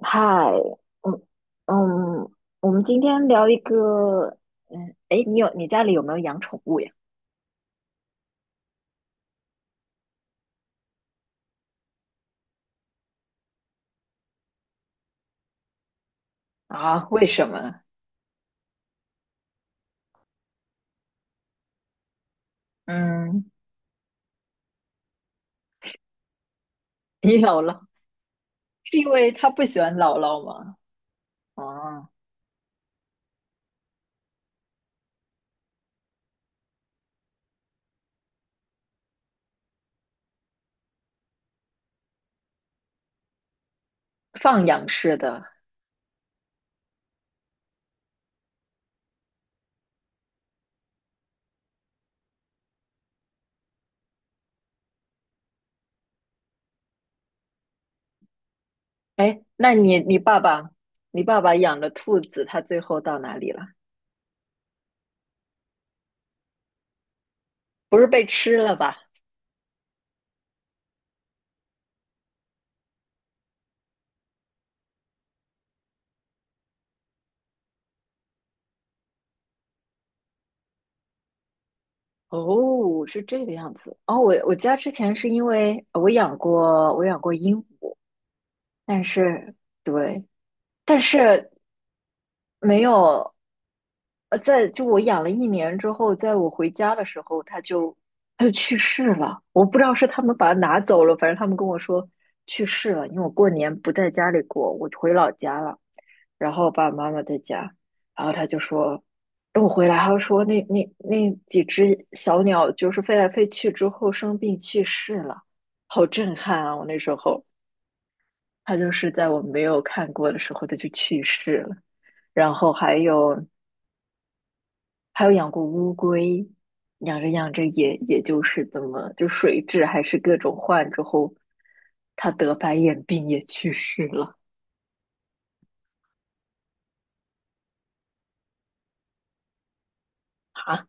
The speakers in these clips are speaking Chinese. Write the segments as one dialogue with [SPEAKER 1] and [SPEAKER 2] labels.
[SPEAKER 1] 嗨，嗯嗯，我们今天聊一个，诶，你家里有没有养宠物呀？啊，为什么？嗯，你姥姥是因为他不喜欢姥姥吗？哦，放养式的。哎，那你你爸爸，你爸爸养的兔子，它最后到哪里了？不是被吃了吧？哦，是这个样子。哦，我家之前是因为我养过鹦鹉，但是，对。但是，没有。就我养了一年之后，在我回家的时候，它就去世了。我不知道是他们把它拿走了，反正他们跟我说去世了。因为我过年不在家里过，我回老家了，然后爸爸妈妈在家，然后他就说等我回来，他就说那几只小鸟就是飞来飞去之后生病去世了，好震撼啊！我那时候，它就是在我没有看过的时候，它就去世了。然后还有养过乌龟，养着养着也就是怎么，就水质还是各种换之后，它得白眼病也去世了啊。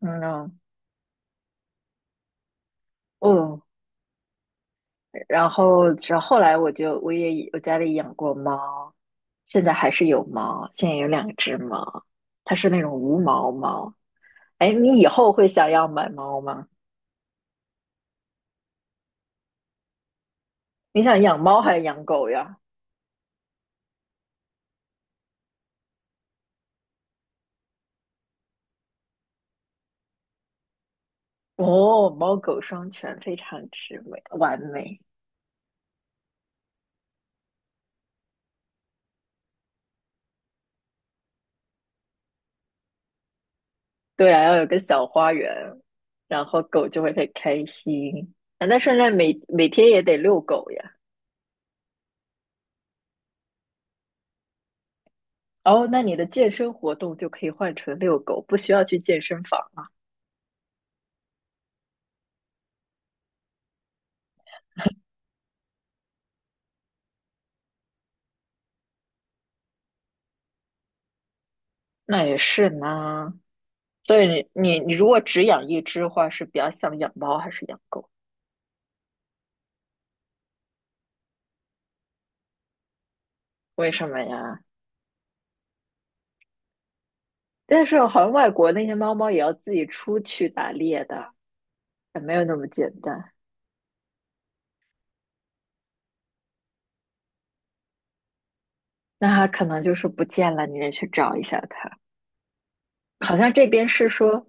[SPEAKER 1] 嗯嗯，然后后来我就我也我家里养过猫，现在还是有猫，现在有两只猫，它是那种无毛猫。哎，你以后会想要买猫吗？你想养猫还是养狗呀？哦，猫狗双全，非常之美，完美。对啊，要有个小花园，然后狗就会很开心。啊，那圣诞每每天也得遛狗呀。哦，那你的健身活动就可以换成遛狗，不需要去健身房啊。那也是呢。所以你如果只养一只的话，是比较想养猫还是养狗？为什么呀？但是好像外国那些猫猫也要自己出去打猎的，也没有那么简单。那它可能就是不见了，你得去找一下它。好像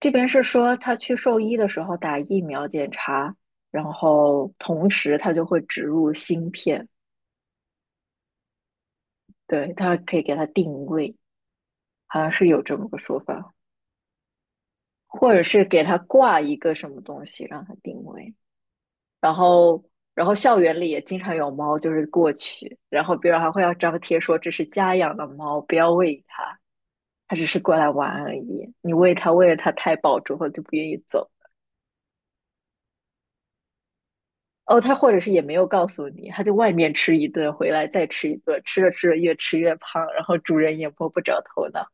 [SPEAKER 1] 这边是说他去兽医的时候打疫苗检查，然后同时他就会植入芯片，对，他可以给他定位，好像是有这么个说法，或者是给他挂一个什么东西让他定位，然后。然后校园里也经常有猫，就是过去，然后别人还会要张贴说这是家养的猫，不要喂它，它只是过来玩而已。你喂它，喂了它太饱之后就不愿意走。哦，他或者是也没有告诉你，他在外面吃一顿，回来再吃一顿，吃着吃着越吃越胖，然后主人也摸不着头脑。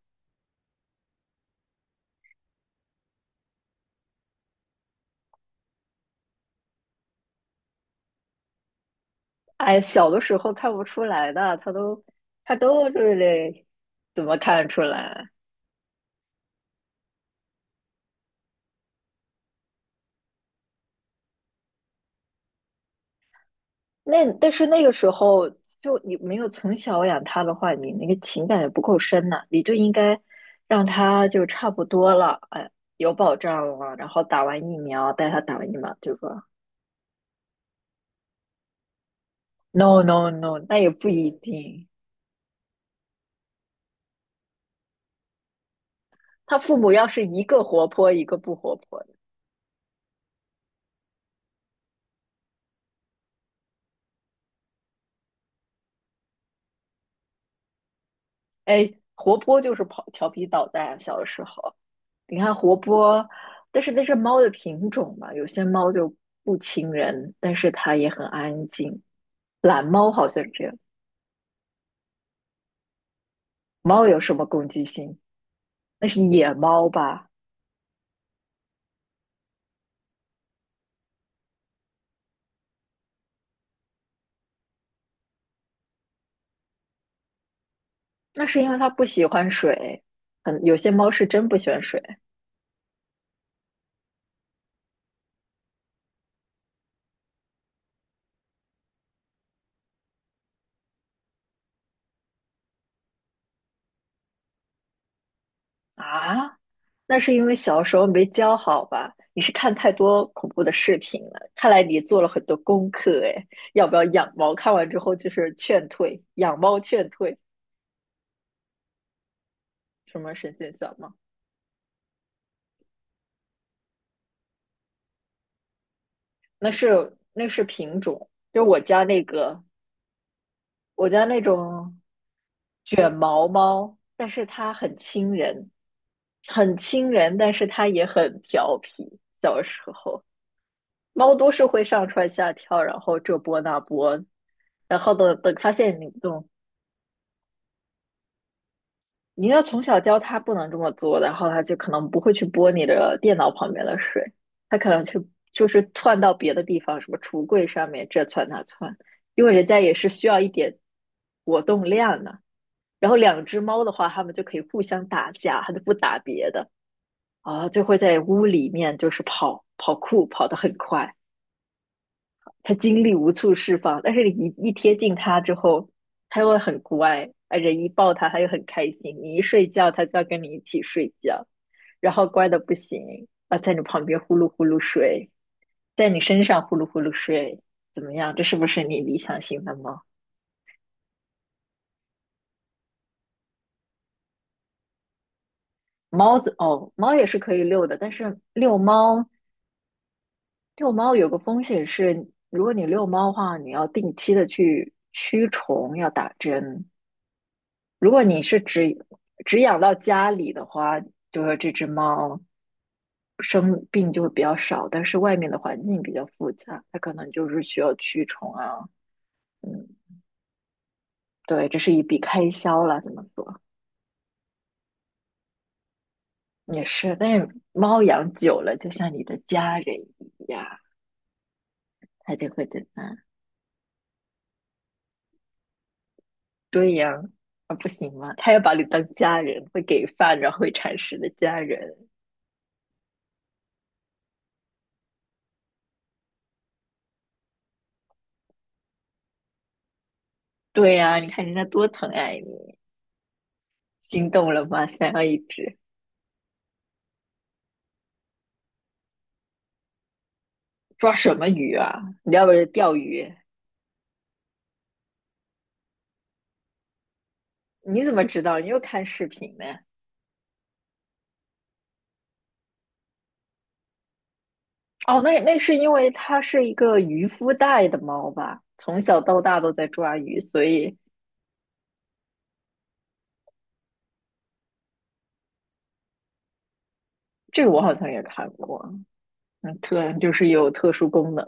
[SPEAKER 1] 哎，小的时候看不出来的，他都就是怎么看出来？但是那个时候就你没有从小养它的话，你那个情感也不够深呐、你就应该让它就差不多了，哎，有保障了，然后打完疫苗带它打完疫苗，就说 no no no，那也不一定。他父母要是一个活泼，一个不活泼的，哎，活泼就是跑调皮捣蛋。小的时候，你看活泼，但是那是猫的品种嘛，有些猫就不亲人，但是它也很安静。懒猫好像这样，猫有什么攻击性？那是野猫吧？那是因为它不喜欢水，有些猫是真不喜欢水啊。那是因为小时候没教好吧？你是看太多恐怖的视频了，看来你做了很多功课哎。要不要养猫？看完之后就是劝退，养猫劝退，什么神仙小猫？那是品种，就我家那个，我家那种卷毛猫，但是它很亲人，很亲人，但是它也很调皮。小时候，猫都是会上蹿下跳，然后这波那波，然后等等发现你这种你要从小教他不能这么做，然后他就可能不会去拨你的电脑旁边的水，他可能就是窜到别的地方，什么橱柜上面这窜那窜，因为人家也是需要一点活动量的。然后两只猫的话，它们就可以互相打架，它就不打别的啊，就会在屋里面就是跑跑酷，跑得很快。他精力无处释放，但是你一贴近他之后，他又会很乖，啊，人一抱他又很开心，你一睡觉他就要跟你一起睡觉，然后乖的不行啊，在你旁边呼噜呼噜睡，在你身上呼噜呼噜睡，怎么样？这是不是你理想型的猫？猫子哦，猫也是可以遛的，但是遛猫有个风险是，如果你遛猫的话，你要定期的去驱虫，要打针。如果你是只养到家里的话，就是这只猫生病就会比较少，但是外面的环境比较复杂，它可能就是需要驱虫啊，嗯，对，这是一笔开销了，怎么说也是。但是猫养久了，就像你的家人一样，它就会怎么对呀、啊，不行吗？它要把你当家人，会给饭，然后会铲屎的家人。对呀、啊你看人家多疼爱你，心动了吗？想要一只。抓什么鱼啊？你要不是钓鱼？你怎么知道？你又看视频呢？哦，那是因为它是一个渔夫带的猫吧？从小到大都在抓鱼，所以这个我好像也看过。嗯，就是有特殊功能，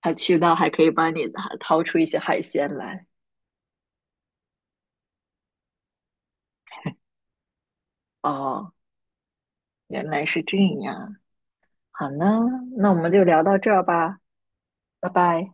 [SPEAKER 1] 它去到还可以帮你掏出一些海鲜来。哦，原来是这样。好呢，那我们就聊到这儿吧，拜拜。